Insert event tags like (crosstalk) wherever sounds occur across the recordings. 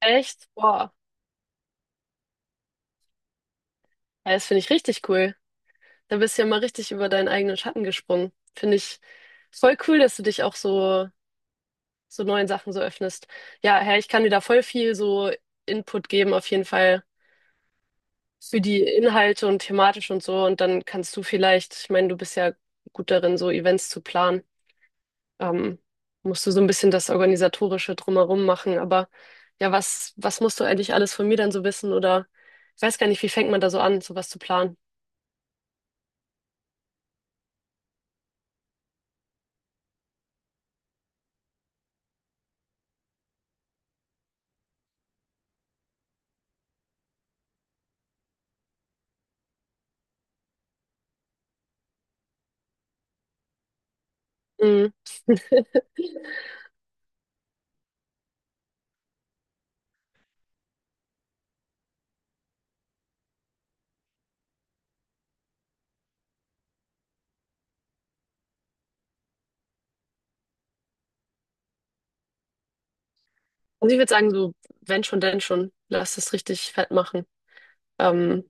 Echt? Boah, ja, das finde ich richtig cool. Da bist du ja mal richtig über deinen eigenen Schatten gesprungen. Finde ich voll cool, dass du dich so neuen Sachen so öffnest. Ja, Herr, ich kann dir da voll viel so Input geben, auf jeden Fall für die Inhalte und thematisch und so. Und dann kannst du vielleicht, ich meine, du bist ja gut darin, so Events zu planen. Ähm, Musst du so ein bisschen das Organisatorische drumherum machen. Aber ja, was musst du eigentlich alles von mir dann so wissen? Oder ich weiß gar nicht, wie fängt man da so an, sowas zu planen? Mhm. Also ich würde sagen, so, wenn schon, denn schon, lass es richtig fett machen. Ähm,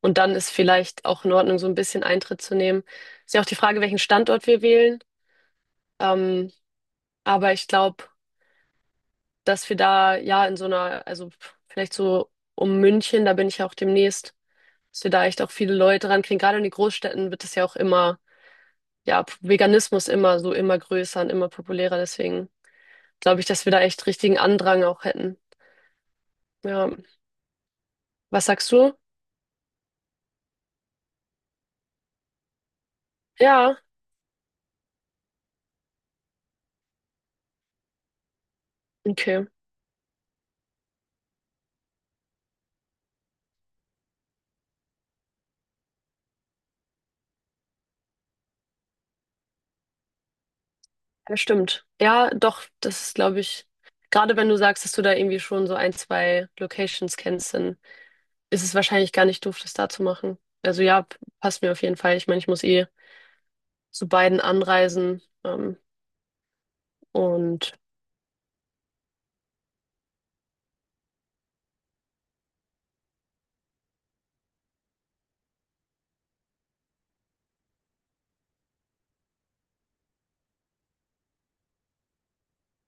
und dann ist vielleicht auch in Ordnung, so ein bisschen Eintritt zu nehmen. Ist ja auch die Frage, welchen Standort wir wählen. Ähm, aber ich glaube, dass wir da ja in so einer, also vielleicht so um München, da bin ich ja auch demnächst, dass wir da echt auch viele Leute rankriegen. Gerade in den Großstädten wird das ja auch immer, ja, Veganismus immer so immer größer und immer populärer. Deswegen glaube ich, dass wir da echt richtigen Andrang auch hätten. Ja. Was sagst du? Ja, okay. Das stimmt. Ja, doch, das ist, glaube ich, gerade wenn du sagst, dass du da irgendwie schon so ein, zwei Locations kennst, dann ist es wahrscheinlich gar nicht doof, das da zu machen. Also ja, passt mir auf jeden Fall. Ich meine, ich muss eh zu beiden anreisen. Und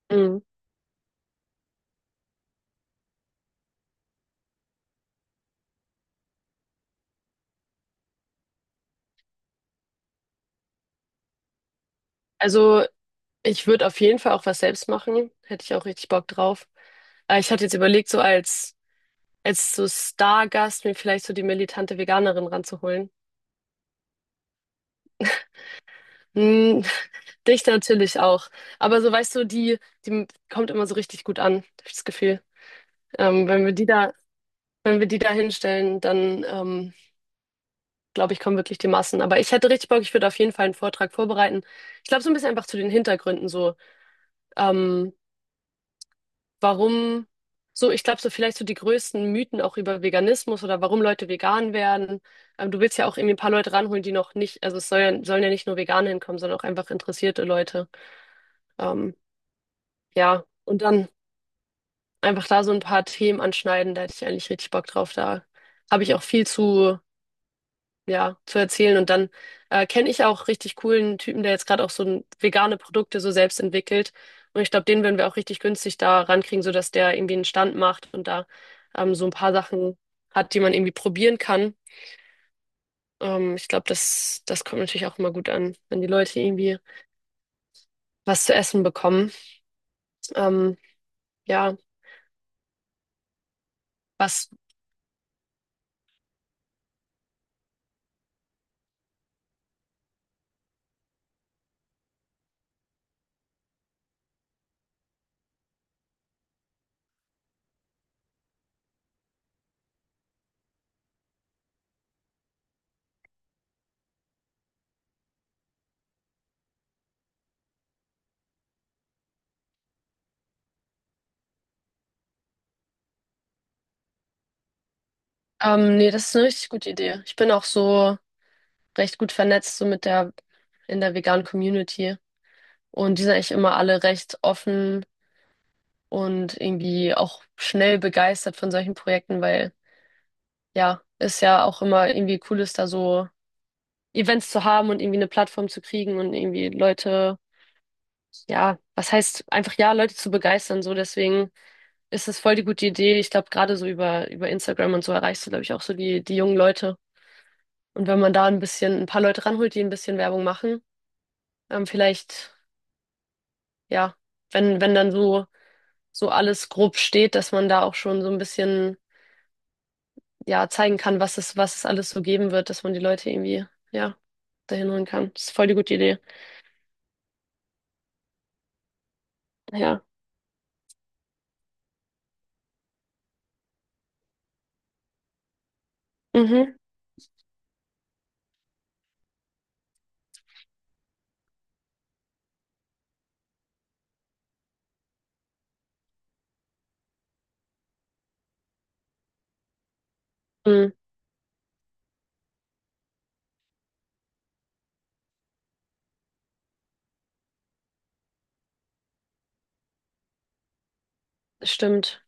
mh. Also ich würde auf jeden Fall auch was selbst machen. Hätte ich auch richtig Bock drauf. Ich hatte jetzt überlegt, als so Stargast mir vielleicht so die militante Veganerin ranzuholen. Hm, Dich natürlich auch. Aber so weißt du, die kommt immer so richtig gut an, hab ich das Gefühl. Ähm, wenn wir die da, wenn wir die da hinstellen, dann glaube ich, kommen wirklich die Massen. Aber ich hätte richtig Bock, ich würde auf jeden Fall einen Vortrag vorbereiten. Ich glaube, so ein bisschen einfach zu den Hintergründen, so ähm, warum, so ich glaube, so vielleicht so die größten Mythen auch über Veganismus oder warum Leute vegan werden. Du willst ja auch irgendwie ein paar Leute ranholen, die noch nicht, also es soll ja, sollen ja nicht nur Veganer hinkommen, sondern auch einfach interessierte Leute. Ähm, ja, und dann einfach da so ein paar Themen anschneiden. Da hätte ich eigentlich richtig Bock drauf. Da habe ich auch viel zu, ja, zu erzählen. Und dann kenne ich auch richtig coolen Typen, der jetzt gerade auch vegane Produkte so selbst entwickelt. Und ich glaube, den würden wir auch richtig günstig da rankriegen, sodass der irgendwie einen Stand macht und da so ein paar Sachen hat, die man irgendwie probieren kann. Ich glaube, das kommt natürlich auch immer gut an, wenn die Leute irgendwie was zu essen bekommen. Ähm, ja, was. Nee, das ist eine richtig gute Idee. Ich bin auch so recht gut vernetzt, in der veganen Community. Und die sind eigentlich immer alle recht offen und irgendwie auch schnell begeistert von solchen Projekten, weil ja, ist ja auch immer irgendwie cool ist, da so Events zu haben und irgendwie eine Plattform zu kriegen und irgendwie Leute, ja, was heißt einfach ja, Leute zu begeistern, so deswegen ist es voll die gute Idee. Ich glaube, gerade so über Instagram und so erreichst du, glaube ich, auch so die jungen Leute. Und wenn man da ein bisschen, ein paar Leute ranholt, die ein bisschen Werbung machen, vielleicht ja, wenn dann so, so alles grob steht, dass man da auch schon so ein bisschen, ja, zeigen kann, was es alles so geben wird, dass man die Leute irgendwie, ja, dahin holen kann. Das ist voll die gute Idee. Ja. Mhm. Mhm. Stimmt.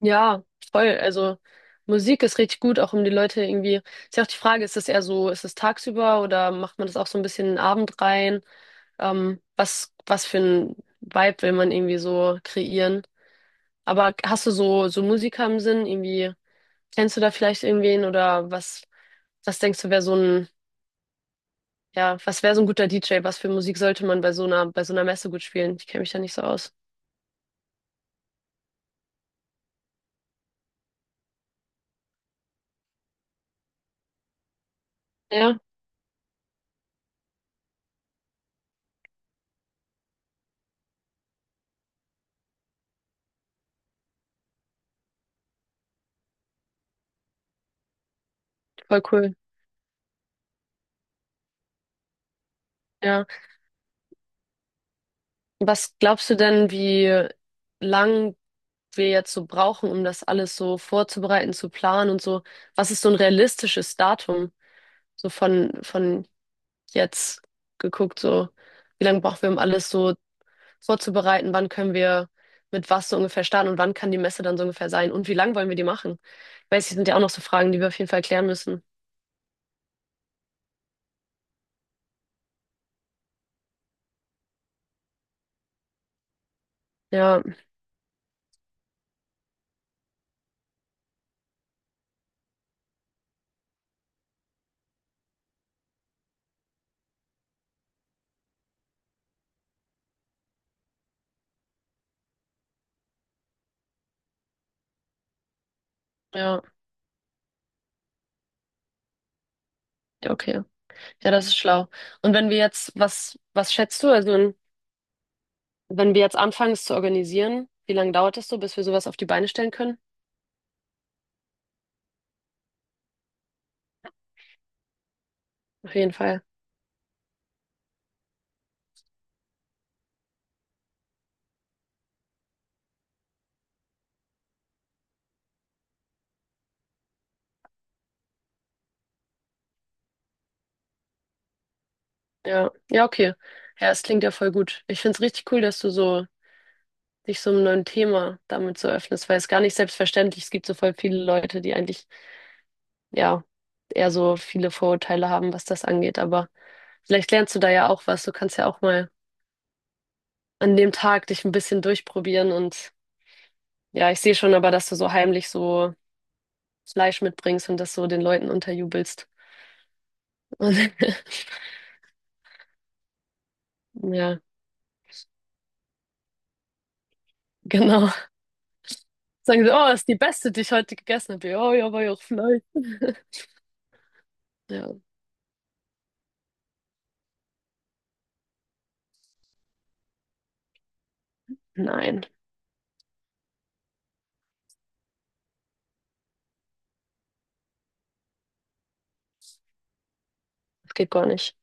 Ja, voll. Also Musik ist richtig gut, auch um die Leute irgendwie. Ist ja auch die Frage, ist es eher so, ist es tagsüber oder macht man das auch so ein bisschen in den Abend rein? Was für ein Vibe will man irgendwie so kreieren? Aber hast du so Musiker im Sinn, irgendwie? Kennst du da vielleicht irgendwen oder was, was denkst du, wäre so ein, ja, was wäre so ein guter DJ? Was für Musik sollte man bei so einer Messe gut spielen? Ich kenne mich da nicht so aus. Ja, voll cool. Ja. Was glaubst du denn, wie lang wir jetzt so brauchen, um das alles so vorzubereiten, zu planen und so? Was ist so ein realistisches Datum? So von jetzt geguckt, so wie lange brauchen wir, um alles so vorzubereiten, wann können wir mit was so ungefähr starten und wann kann die Messe dann so ungefähr sein und wie lang wollen wir die machen? Ich weiß, das sind ja auch noch so Fragen, die wir auf jeden Fall klären müssen. Ja, ja, ja, okay. Ja, das ist schlau. Und wenn wir jetzt, was, was schätzt du? Also, wenn wir jetzt anfangen, es zu organisieren, wie lange dauert es so, bis wir sowas auf die Beine stellen können? Auf jeden Fall. Ja, ja, okay. Ja, es klingt ja voll gut. Ich finde es richtig cool, dass du so dich so einem neuen Thema damit so öffnest, weil es gar nicht selbstverständlich ist. Es gibt so voll viele Leute, die eigentlich ja, eher so viele Vorurteile haben, was das angeht. Aber vielleicht lernst du da ja auch was. Du kannst ja auch mal an dem Tag dich ein bisschen durchprobieren. Und ja, ich sehe schon aber, dass du so heimlich so Fleisch mitbringst und das so den Leuten unterjubelst. Und (laughs) ja, genau. Sagen sie, oh, ist die beste, die ich heute gegessen habe. Ja, ja, war ja auch Fleisch. (laughs) Ja, nein, das geht gar nicht.